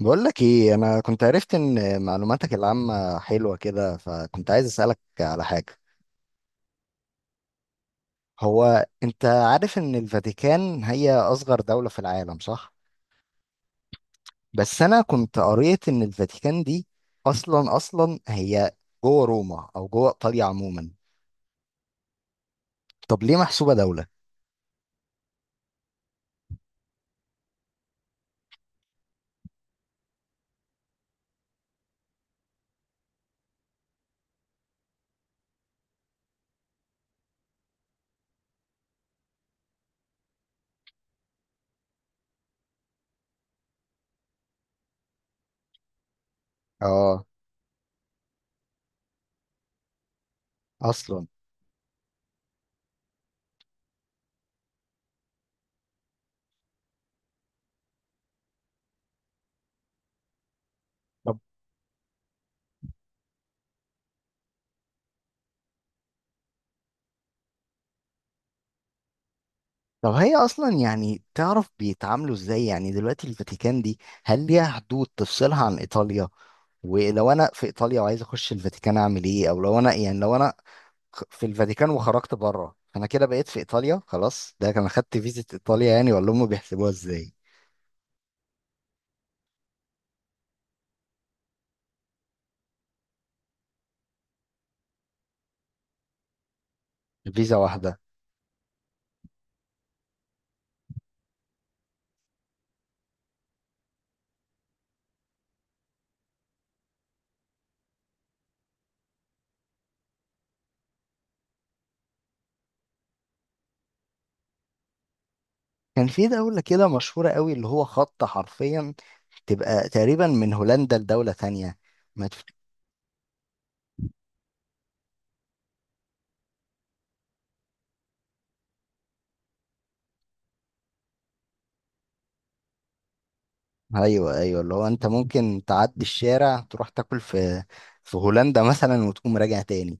بقول لك ايه؟ انا كنت عرفت ان معلوماتك العامة حلوة كده، فكنت عايز اسألك على حاجة. هو انت عارف ان الفاتيكان هي اصغر دولة في العالم، صح؟ بس انا كنت قريت ان الفاتيكان دي اصلا اصلا هي جوه روما او جوه ايطاليا عموما. طب ليه محسوبة دولة؟ اه، اصلا. طب طب هي اصلا يعني تعرف بيتعاملوا ازاي؟ يعني دلوقتي الفاتيكان دي هل ليها حدود تفصلها عن ايطاليا؟ ولو انا في ايطاليا وعايز اخش الفاتيكان اعمل ايه؟ او لو انا في الفاتيكان وخرجت بره انا كده بقيت في ايطاليا خلاص، ده كان خدت فيزا ايطاليا يعني، ولا هم بيحسبوها ازاي؟ فيزا واحده. كان في دولة كده مشهورة قوي اللي هو خط حرفيا تبقى تقريبا من هولندا لدولة تانية. ما تف... ايوه ايوه، اللي هو انت ممكن تعدي الشارع تروح تاكل في هولندا مثلا وتقوم راجع تاني.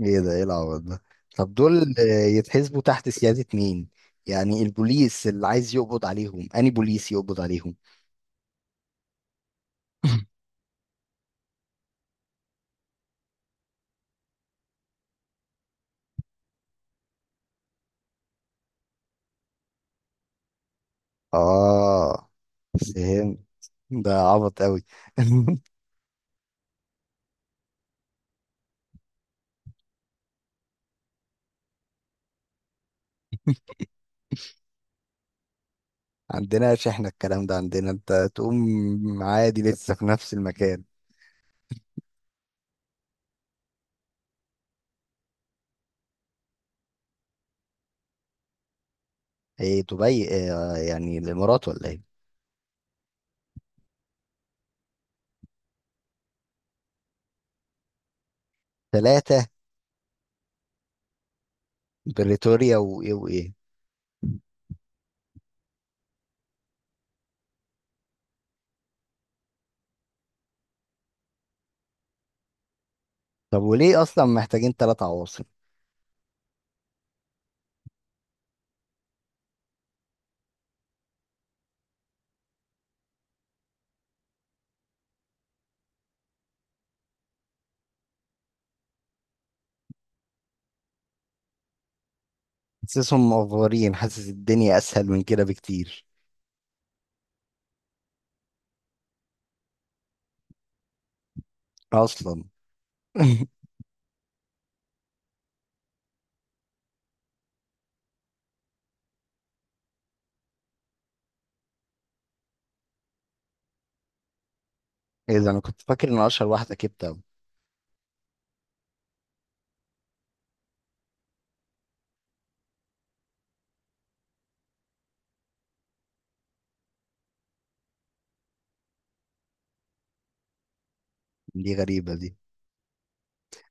ايه ده؟ ايه العبط ده؟ طب دول يتحسبوا تحت سيادة مين؟ يعني البوليس اللي عايز يقبض عليهم اني بوليس يقبض عليهم؟ اه، فهم. ده عبط قوي. عندنا احنا الكلام ده، عندنا انت تقوم عادي لسه في نفس المكان. ايه دبي إيه يعني الامارات ولا ايه؟ ثلاثة. بريتوريا وايه وايه؟ طب وليه اصلا محتاجين ثلاث عواصم؟ حاسسهم مقفورين، حاسس الدنيا اسهل من كده بكتير. اصلا. ايه ده؟ انا كنت فاكر ان اشهر واحده كيب تاون. دي غريبه دي.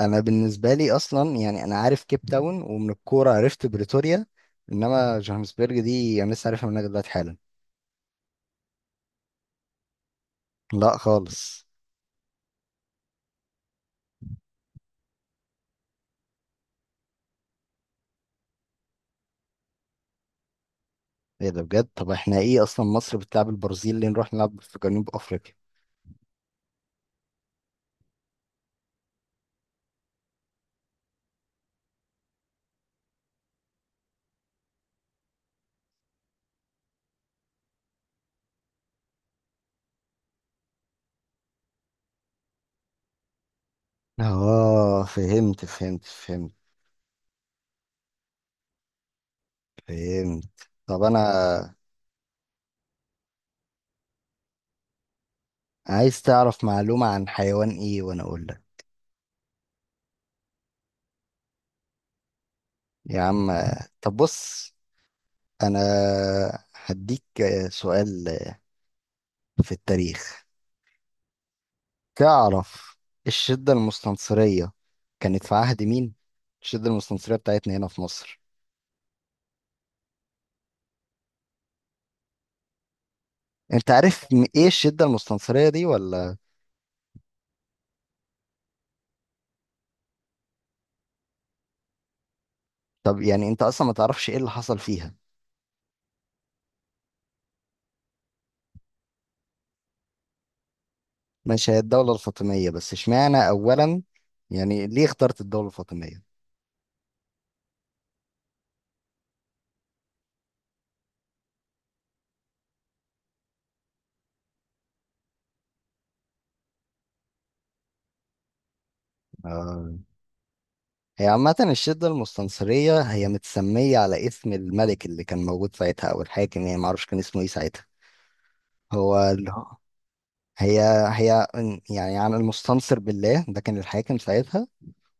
انا بالنسبه لي اصلا يعني انا عارف كيب تاون، ومن الكوره عرفت بريتوريا. انما جوهانسبرج دي انا لسه عارفها منك دلوقتي حالا. لا خالص. ايه ده؟ بجد؟ طب احنا ايه اصلا؟ مصر بتلعب البرازيل ليه؟ نروح نلعب في جنوب افريقيا؟ اه، فهمت فهمت فهمت فهمت. طب انا. عايز تعرف معلومه عن حيوان ايه وانا اقول لك؟ يا عم. طب بص، انا هديك سؤال في التاريخ. تعرف الشدة المستنصرية كانت في عهد مين؟ الشدة المستنصرية بتاعتنا هنا في مصر. انت عارف ايه الشدة المستنصرية دي ولا؟ طب يعني انت اصلا ما تعرفش ايه اللي حصل فيها؟ ماشي، هي الدولة الفاطمية، بس اشمعنى اولا؟ يعني ليه اخترت الدولة الفاطمية؟ آه. هي عامة الشدة المستنصرية هي متسمية على اسم الملك اللي كان موجود ساعتها او الحاكم، يعني معرفش كان اسمه ايه ساعتها. هو ال- هي هي يعني عن المستنصر بالله، ده كان الحاكم ساعتها.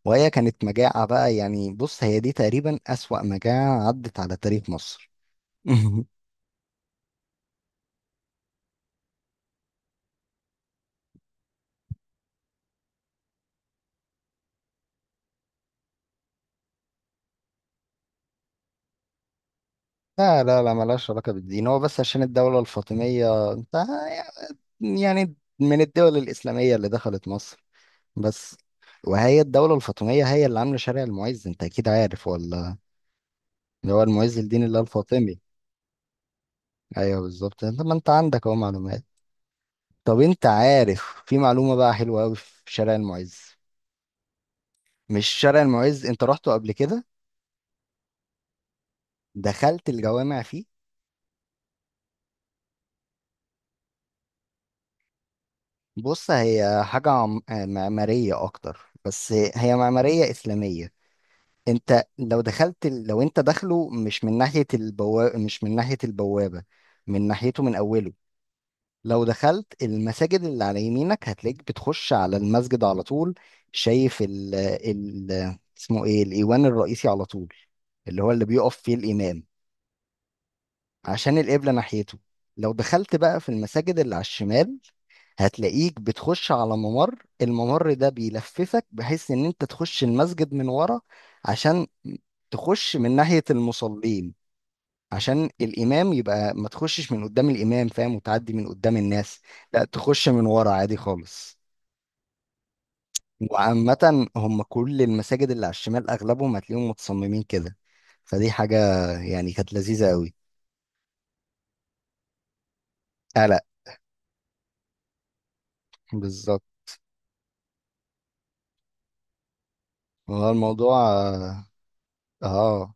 وهي كانت مجاعة بقى، يعني بص هي دي تقريبا أسوأ مجاعة عدت على تاريخ مصر. لا لا لا، ملهاش علاقة بالدين، هو بس عشان الدولة الفاطمية انت يعني من الدول الإسلامية اللي دخلت مصر بس. وهي الدولة الفاطمية هي اللي عاملة شارع المعز، انت أكيد عارف ولا؟ اللي هو المعز الدين اللي هو الفاطمي. أيوه بالظبط، انت ما انت عندك اهو معلومات. طب انت عارف في معلومة بقى حلوة أوي في شارع المعز؟ مش شارع المعز، انت رحته قبل كده؟ دخلت الجوامع فيه؟ بص، هي حاجة معمارية أكتر. بس هي معمارية إسلامية. أنت لو دخلت، لو أنت داخله مش من ناحية البوابة، مش من ناحية البوابة، من ناحيته من أوله. لو دخلت المساجد اللي على يمينك هتلاقيك بتخش على المسجد على طول. شايف ال ال اسمه إيه؟ الإيوان الرئيسي على طول، اللي هو اللي بيقف فيه الإمام، عشان القبلة ناحيته. لو دخلت بقى في المساجد اللي على الشمال هتلاقيك بتخش على ممر، الممر ده بيلففك بحيث ان انت تخش المسجد من ورا، عشان تخش من ناحية المصلين، عشان الإمام يبقى ما تخشش من قدام الإمام، فاهم، وتعدي من قدام الناس. لا، تخش من ورا عادي خالص. وعامة هم كل المساجد اللي على الشمال أغلبهم هتلاقيهم متصممين كده، فدي حاجة يعني كانت لذيذة أوي. قلق. بالظبط، هو الموضوع. اه، اه.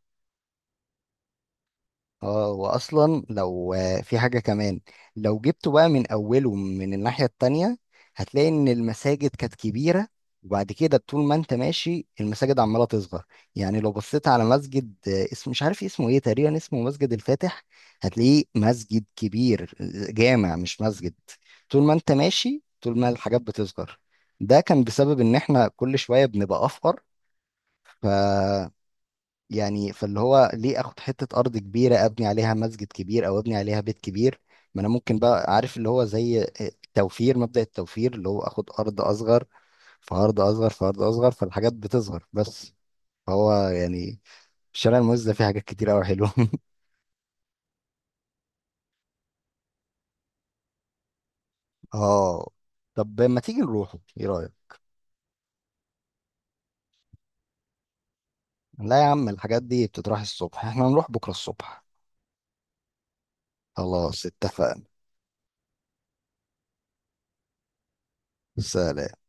واصلا لو في حاجة كمان، لو جبته بقى من اوله من الناحية التانية هتلاقي ان المساجد كانت كبيرة. وبعد كده طول ما انت ماشي المساجد عمالة تصغر. يعني لو بصيت على مسجد اسم مش عارف اسمه ايه، تقريبا اسمه مسجد الفاتح، هتلاقيه مسجد كبير، جامع مش مسجد. طول ما انت ماشي طول ما الحاجات بتصغر. ده كان بسبب ان احنا كل شوية بنبقى افقر. ف يعني فاللي هو ليه اخد حتة ارض كبيرة ابني عليها مسجد كبير او ابني عليها بيت كبير؟ ما انا ممكن بقى عارف اللي هو زي التوفير، مبدأ التوفير اللي هو اخد ارض اصغر. في ارض اصغر، فالحاجات بتصغر بس. هو يعني الشارع الموز ده فيه حاجات كتير قوي حلوة. اه. طب ما تيجي نروحه، ايه رأيك؟ لا يا عم، الحاجات دي بتتراح الصبح، احنا هنروح بكرة الصبح. خلاص اتفقنا. سلام.